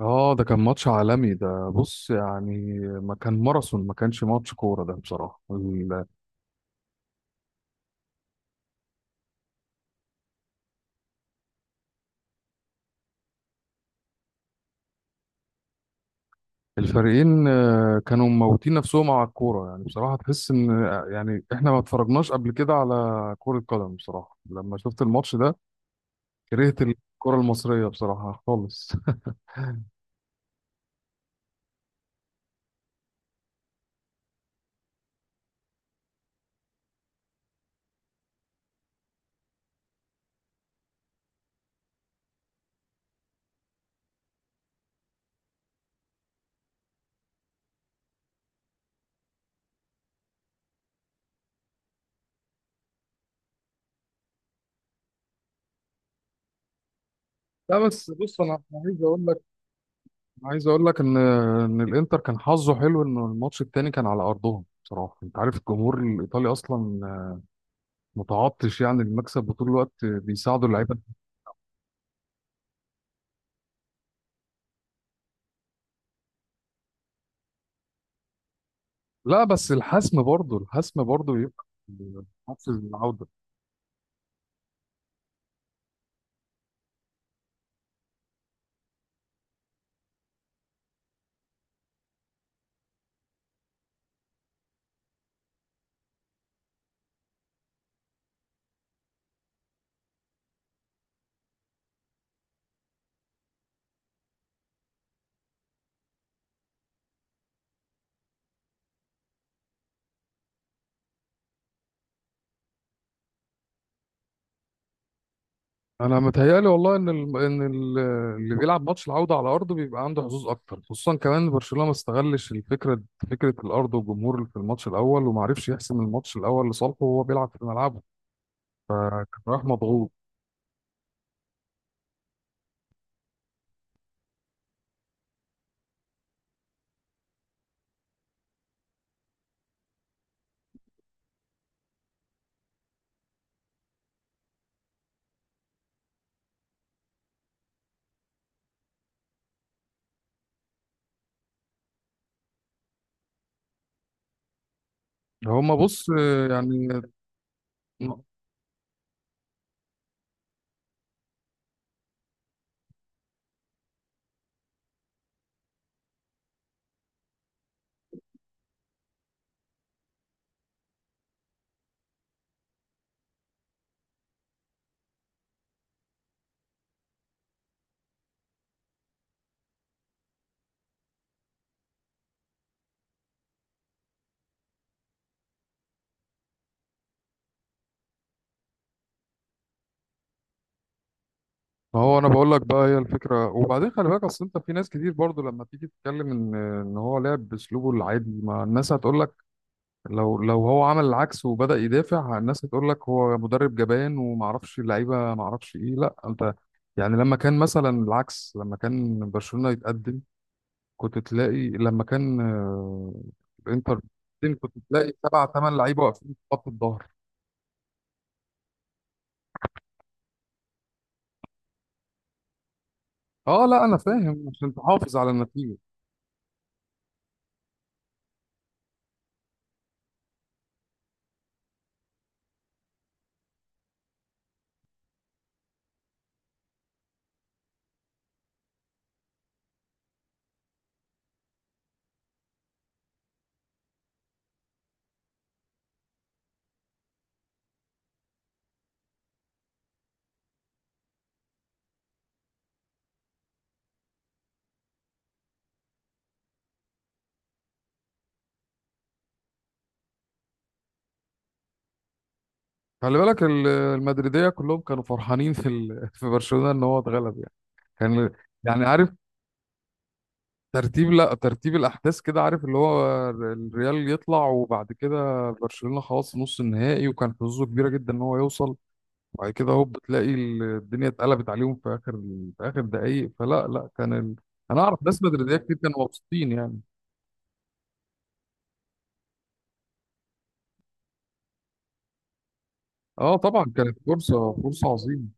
اه، ده كان ماتش عالمي ده. بص، يعني ما كان ماراثون، ما كانش ماتش كورة ده بصراحة. الفريقين كانوا موتين نفسهم على الكورة. يعني بصراحة تحس ان يعني احنا ما اتفرجناش قبل كده على كرة قدم. بصراحة لما شفت الماتش ده كرهت الكرة المصرية بصراحة خالص. لا بس بص، أنا عايز اقول لك ان الانتر كان حظه حلو، ان الماتش التاني كان على ارضهم. بصراحه انت عارف الجمهور الايطالي اصلا متعطش يعني المكسب، وطول الوقت بيساعدوا اللعيبه. لا بس الحسم برضه بيبقى ماتش العوده. انا متهيألي والله ان اللي بيلعب ماتش العوده على ارضه بيبقى عنده حظوظ اكتر، خصوصا كمان برشلونه ما استغلش الفكره، فكره الارض والجمهور في الماتش الاول، وما عرفش يحسم الماتش الاول لصالحه وهو بيلعب في ملعبه، فكان رايح مضغوط. هما بص، يعني ما هو انا بقول لك بقى هي الفكره. وبعدين خلي بالك اصل انت في ناس كتير برضو لما تيجي تتكلم ان هو لعب باسلوبه العادي، ما الناس هتقول لك. لو هو عمل العكس وبدا يدافع الناس هتقول لك هو مدرب جبان، وما اعرفش اللعيبه ما اعرفش ايه. لا انت يعني لما كان مثلا العكس، لما كان برشلونه يتقدم كنت تلاقي، لما كان الانتر، كنت تلاقي سبعة ثمان لعيبه واقفين في خط الظهر. اه لا، انا فاهم عشان تحافظ على النتيجه. خلي بالك المدريدية كلهم كانوا فرحانين في برشلونة ان هو اتغلب يعني. كان يعني، عارف ترتيب، لا ترتيب الاحداث كده؟ عارف اللي هو الريال يطلع، وبعد كده برشلونة خلاص نص النهائي وكان حظوظه كبيرة جدا ان هو يوصل، وبعد كده هوب بتلاقي الدنيا اتقلبت عليهم في اخر في اخر دقايق، فلا لا كان انا اعرف ناس مدريدية كتير كانوا مبسوطين يعني. اه طبعا، كانت فرصة فرصة عظيمة.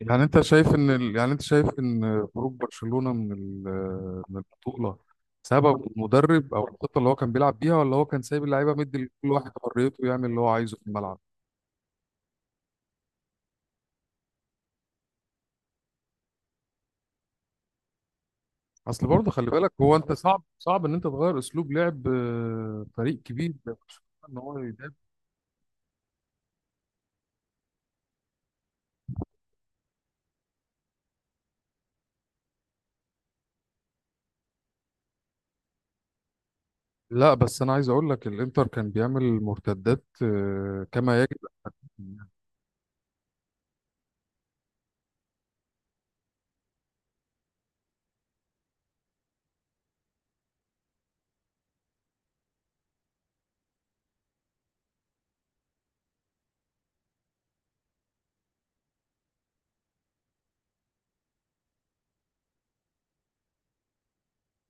يعني انت شايف ان خروج برشلونة من البطولة سبب المدرب، او الخطة اللي هو كان بيلعب بيها، ولا هو كان سايب اللعيبة مدي لكل واحد حريته يعمل اللي هو عايزه في الملعب؟ اصل برضه خلي بالك، هو انت صعب صعب ان انت تغير اسلوب لعب فريق كبير زي برشلونة، ان هو يدافع. لا بس انا عايز اقول لك الانتر كان بيعمل مرتدات كما يجب.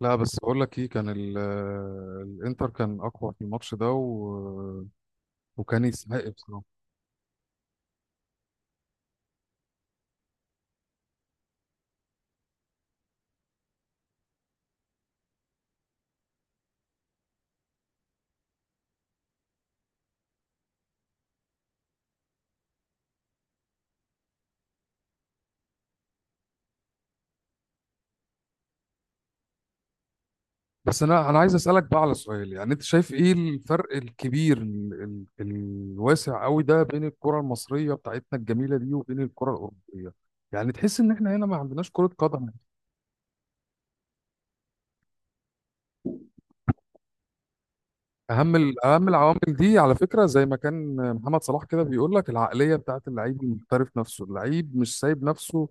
لا بس بقول لك ايه، كان الانتر كان اقوى في الماتش ده وكان يستحق بصراحة. بس انا عايز اسالك بقى على سؤال. يعني انت شايف ايه الفرق الكبير الواسع قوي ده بين الكره المصريه بتاعتنا الجميله دي وبين الكره الاوروبيه؟ يعني تحس ان احنا هنا ما عندناش كره قدم. اهم العوامل دي على فكره، زي ما كان محمد صلاح كده بيقول لك، العقليه بتاعت اللعيب المحترف نفسه. اللعيب مش سايب نفسه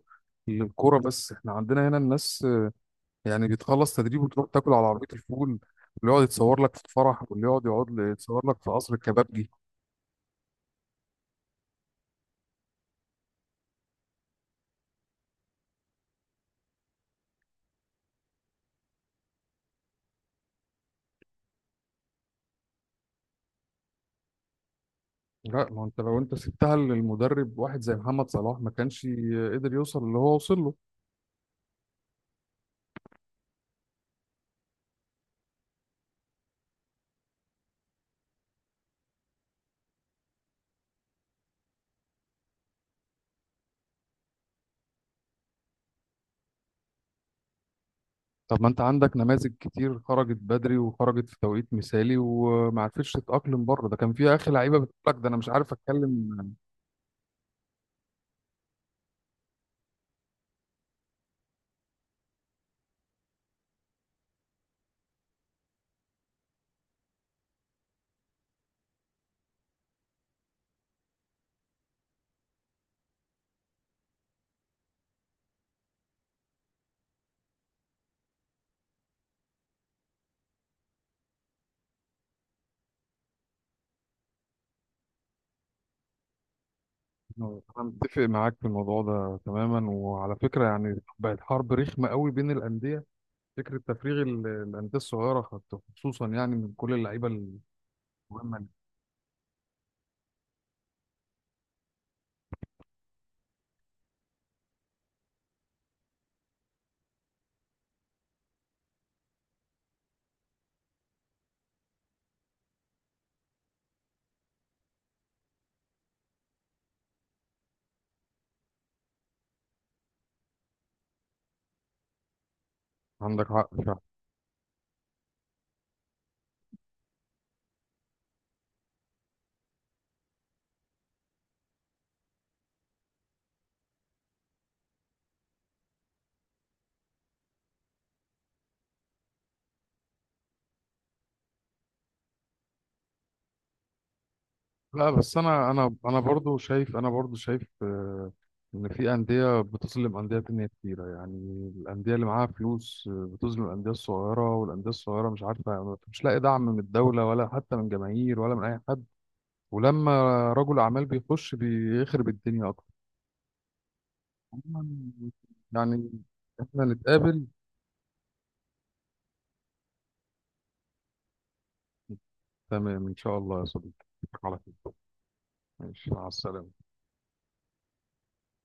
للكره، بس احنا عندنا هنا الناس يعني بتخلص تدريب وتروح تاكل على عربيه الفول، واللي يقعد يتصور لك في الفرح، واللي يقعد يتصور لك في قصر الكبابجي. لا، ما انت لو انت سبتها للمدرب واحد زي محمد صلاح، ما كانش قدر يوصل اللي هو وصل له. طب ما انت عندك نماذج كتير خرجت بدري وخرجت في توقيت مثالي وما عرفتش تتأقلم بره. ده كان في اخر لعيبه بتقول لك ده انا مش عارف اتكلم. انا متفق معاك في الموضوع ده تماما. وعلى فكره، يعني بقت حرب رخمه قوي بين الانديه، فكره تفريغ الانديه الصغيره، خصوصا يعني من كل اللعيبه المهمه. عندك حق. لا بس انا برضو شايف ان في انديه بتظلم انديه تانية كتيره. يعني الانديه اللي معاها فلوس بتظلم الانديه الصغيره، والانديه الصغيره مش عارفه مش لاقي دعم من الدوله ولا حتى من جماهير ولا من اي حد. ولما رجل اعمال بيخش بيخرب الدنيا اكتر. عموماً يعني احنا نتقابل. تمام ان شاء الله يا صديقي. على خير، ماشي، مع السلامه.